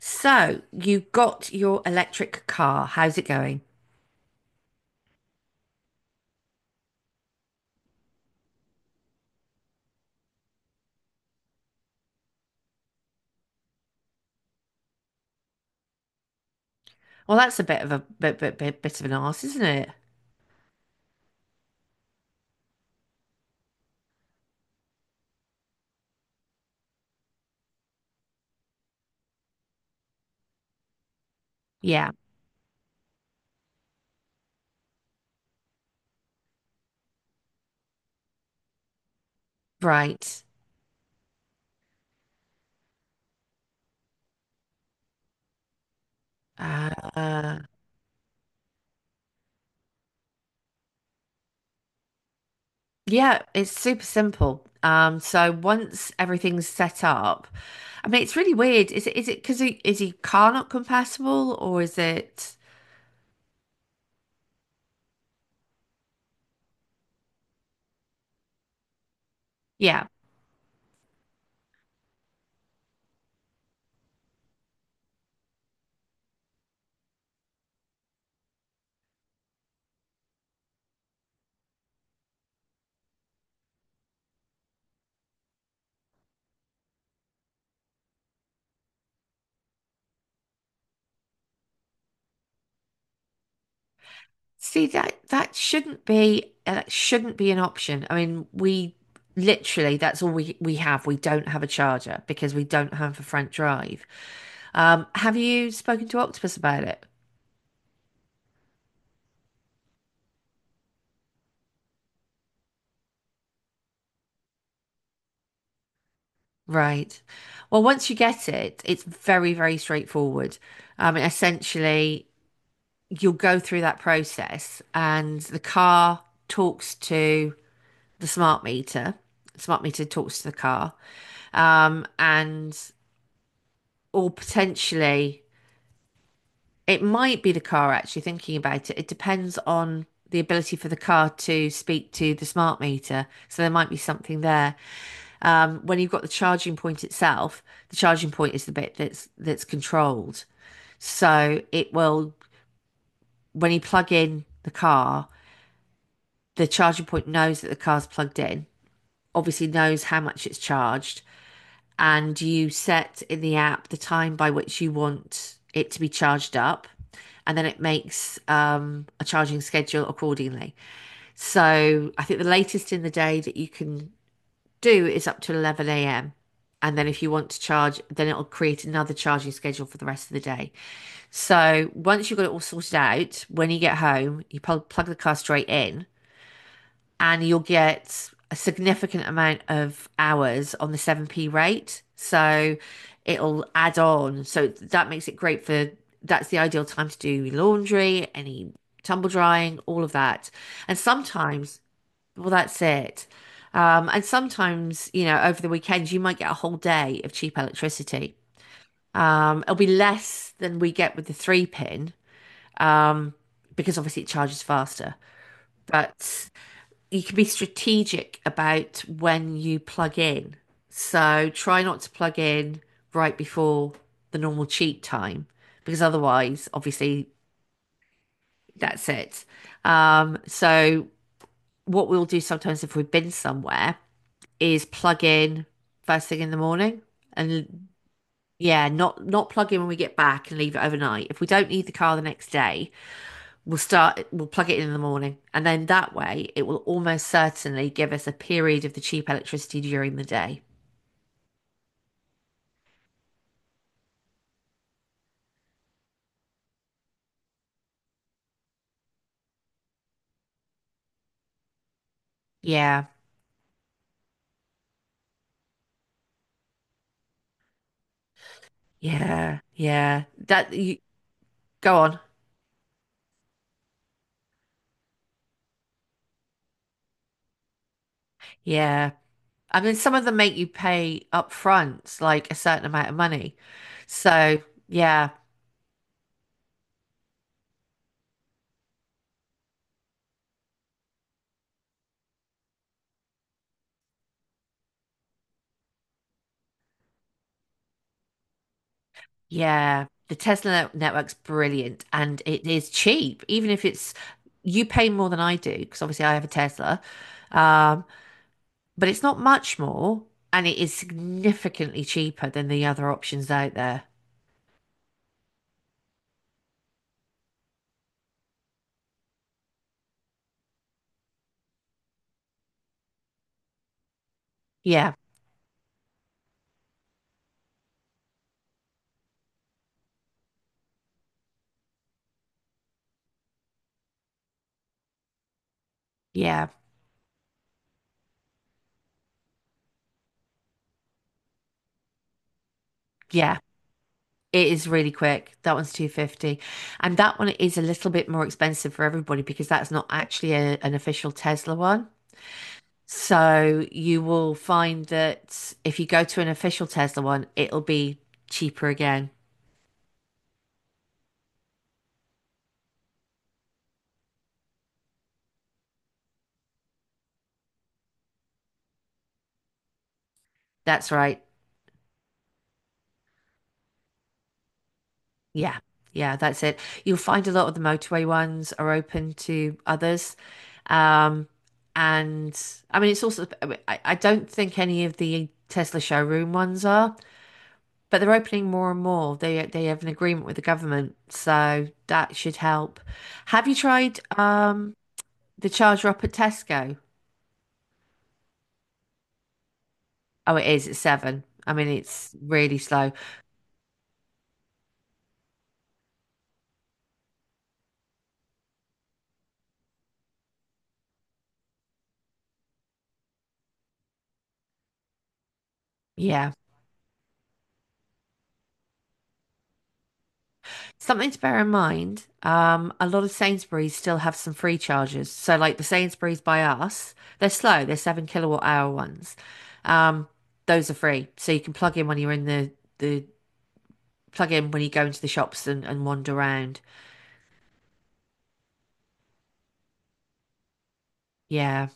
So you got your electric car. How's it going? Well, that's a bit of a bit of an arse, isn't it? Yeah, right. Uh, uh, yeah, it's super simple. So once everything's set up, I mean, it's really weird. Is it because is your car not compatible or is it? Yeah. See that shouldn't be that shouldn't be an option. I mean, we literally that's all we have. We don't have a charger because we don't have a front drive. Have you spoken to Octopus about it? Right. Well, once you get it, it's very, very straightforward. Essentially, you'll go through that process, and the car talks to the smart meter. Smart meter talks to the car, and or potentially it might be the car, actually, thinking about it. It depends on the ability for the car to speak to the smart meter. So there might be something there. When you've got the charging point itself, the charging point is the bit that's controlled. So it will, when you plug in the car, the charging point knows that the car's plugged in, obviously knows how much it's charged, and you set in the app the time by which you want it to be charged up, and then it makes a charging schedule accordingly. So I think the latest in the day that you can do is up to 11 a.m. And then if you want to charge, then it'll create another charging schedule for the rest of the day. So once you've got it all sorted out, when you get home, you plug the car straight in, and you'll get a significant amount of hours on the 7p rate. So it'll add on. So that makes it great for that's the ideal time to do laundry, any tumble drying, all of that. And sometimes, well, that's it. And sometimes, you know, over the weekends, you might get a whole day of cheap electricity. It'll be less than we get with the three pin, um, because obviously it charges faster. But you can be strategic about when you plug in. So try not to plug in right before the normal cheat time because otherwise, obviously, that's it. So what we'll do sometimes if we've been somewhere is plug in first thing in the morning, and yeah, not plug in when we get back and leave it overnight. If we don't need the car the next day, we'll plug it in the morning. And then that way, it will almost certainly give us a period of the cheap electricity during the day. Yeah, yeah, yeah. That you go on. Yeah. I mean, some of them make you pay up front, like a certain amount of money. So, yeah, yeah. The network's brilliant and it is cheap, even if it's you pay more than I do, because obviously I have a Tesla. Um, but it's not much more, and it is significantly cheaper than the other options out there. Yeah, yeah, yeah. It is really quick. That one's 250. And that one is a little bit more expensive for everybody because that's not actually an official Tesla one. So you will find that if you go to an official Tesla one, it'll be cheaper again. That's right. Yeah. Yeah, that's it. You'll find a lot of the motorway ones are open to others. Um, and I mean, it's also, I don't think any of the Tesla showroom ones are, but they're opening more and more. They have an agreement with the government, so that should help. Have you tried the charger up at Tesco? Oh, it is. It's seven. I mean, it's really slow. Yeah. Something to bear in mind, a lot of Sainsbury's still have some free chargers. So, like the Sainsbury's by us, they're slow, they're seven kilowatt hour ones. Um, those are free. So you can plug in when you're in the plug in when you go into the shops and wander around. Yeah.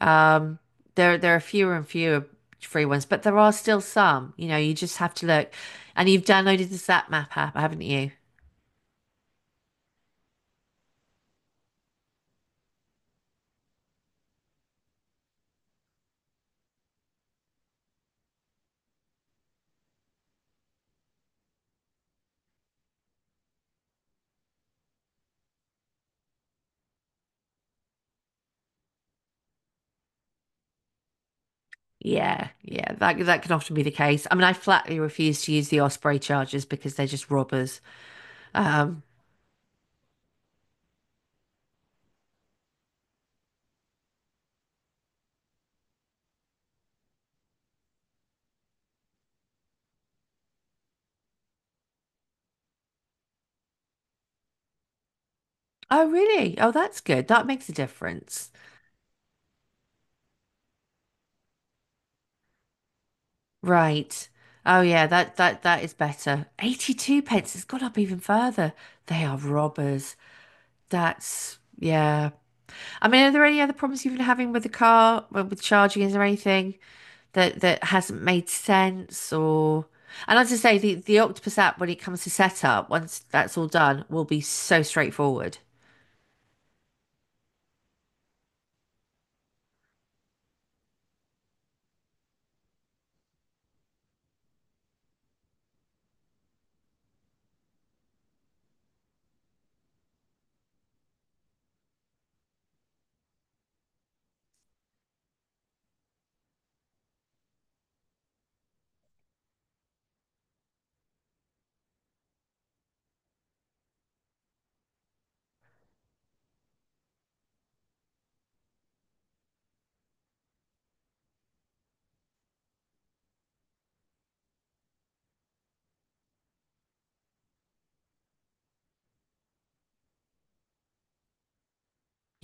Um, there are fewer and fewer free ones, but there are still some. You know, you just have to look. And you've downloaded the Zap Map app, haven't you? Yeah, yeah, that can often be the case. I mean, I flatly refuse to use the Osprey chargers because they're just robbers. Um, oh really? Oh, that's good. That makes a difference. Right. Oh yeah, that is better. 82 pence has gone up even further. They are robbers. That's yeah. I mean, are there any other problems you've been having with the car, with charging? Is there anything that that hasn't made sense or and as I say, the Octopus app when it comes to setup, once that's all done, will be so straightforward.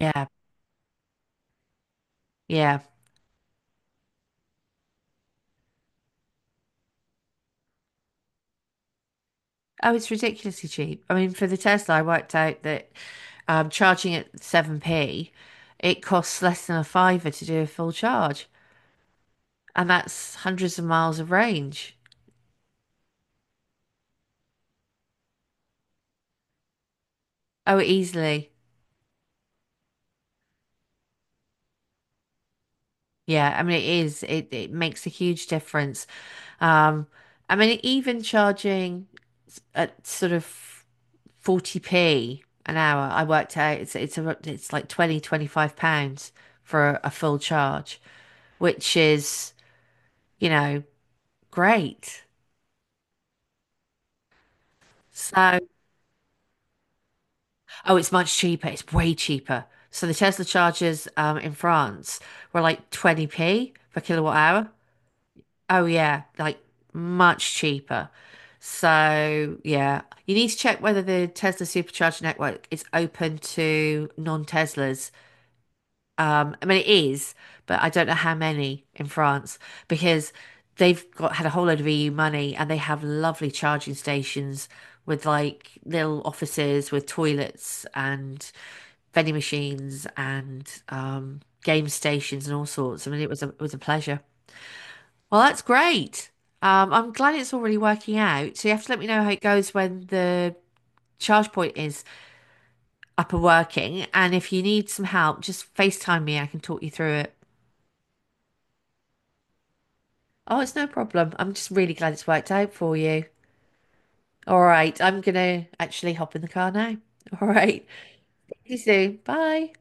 Yeah, yeah. Oh, it's ridiculously cheap. I mean, for the Tesla, I worked out that charging at 7p, it costs less than a fiver to do a full charge, and that's hundreds of miles of range. Oh, easily. Yeah, I mean it is. It makes a huge difference. Um, I mean even at sort of 40p an hour, I worked out it's like 20 25 pounds for a full charge, which is, you know, great. So, oh, it's much cheaper. It's way cheaper. So the Tesla chargers in France were like 20p per kilowatt hour. Oh yeah, like much cheaper. So yeah, you need to check whether the Tesla Supercharger network is open to non-Teslas. I mean it is, but I don't know how many in France because they've got had a whole load of EU money and they have lovely charging stations with like little offices with toilets and vending machines and game stations and all sorts. I mean it was a pleasure. Well, that's great. I'm glad it's already working out. So you have to let me know how it goes when the charge point is up and working. And if you need some help, just FaceTime me. I can talk you through it. Oh, it's no problem. I'm just really glad it's worked out for you. All right. I'm gonna actually hop in the car now. All right. See you soon. Bye.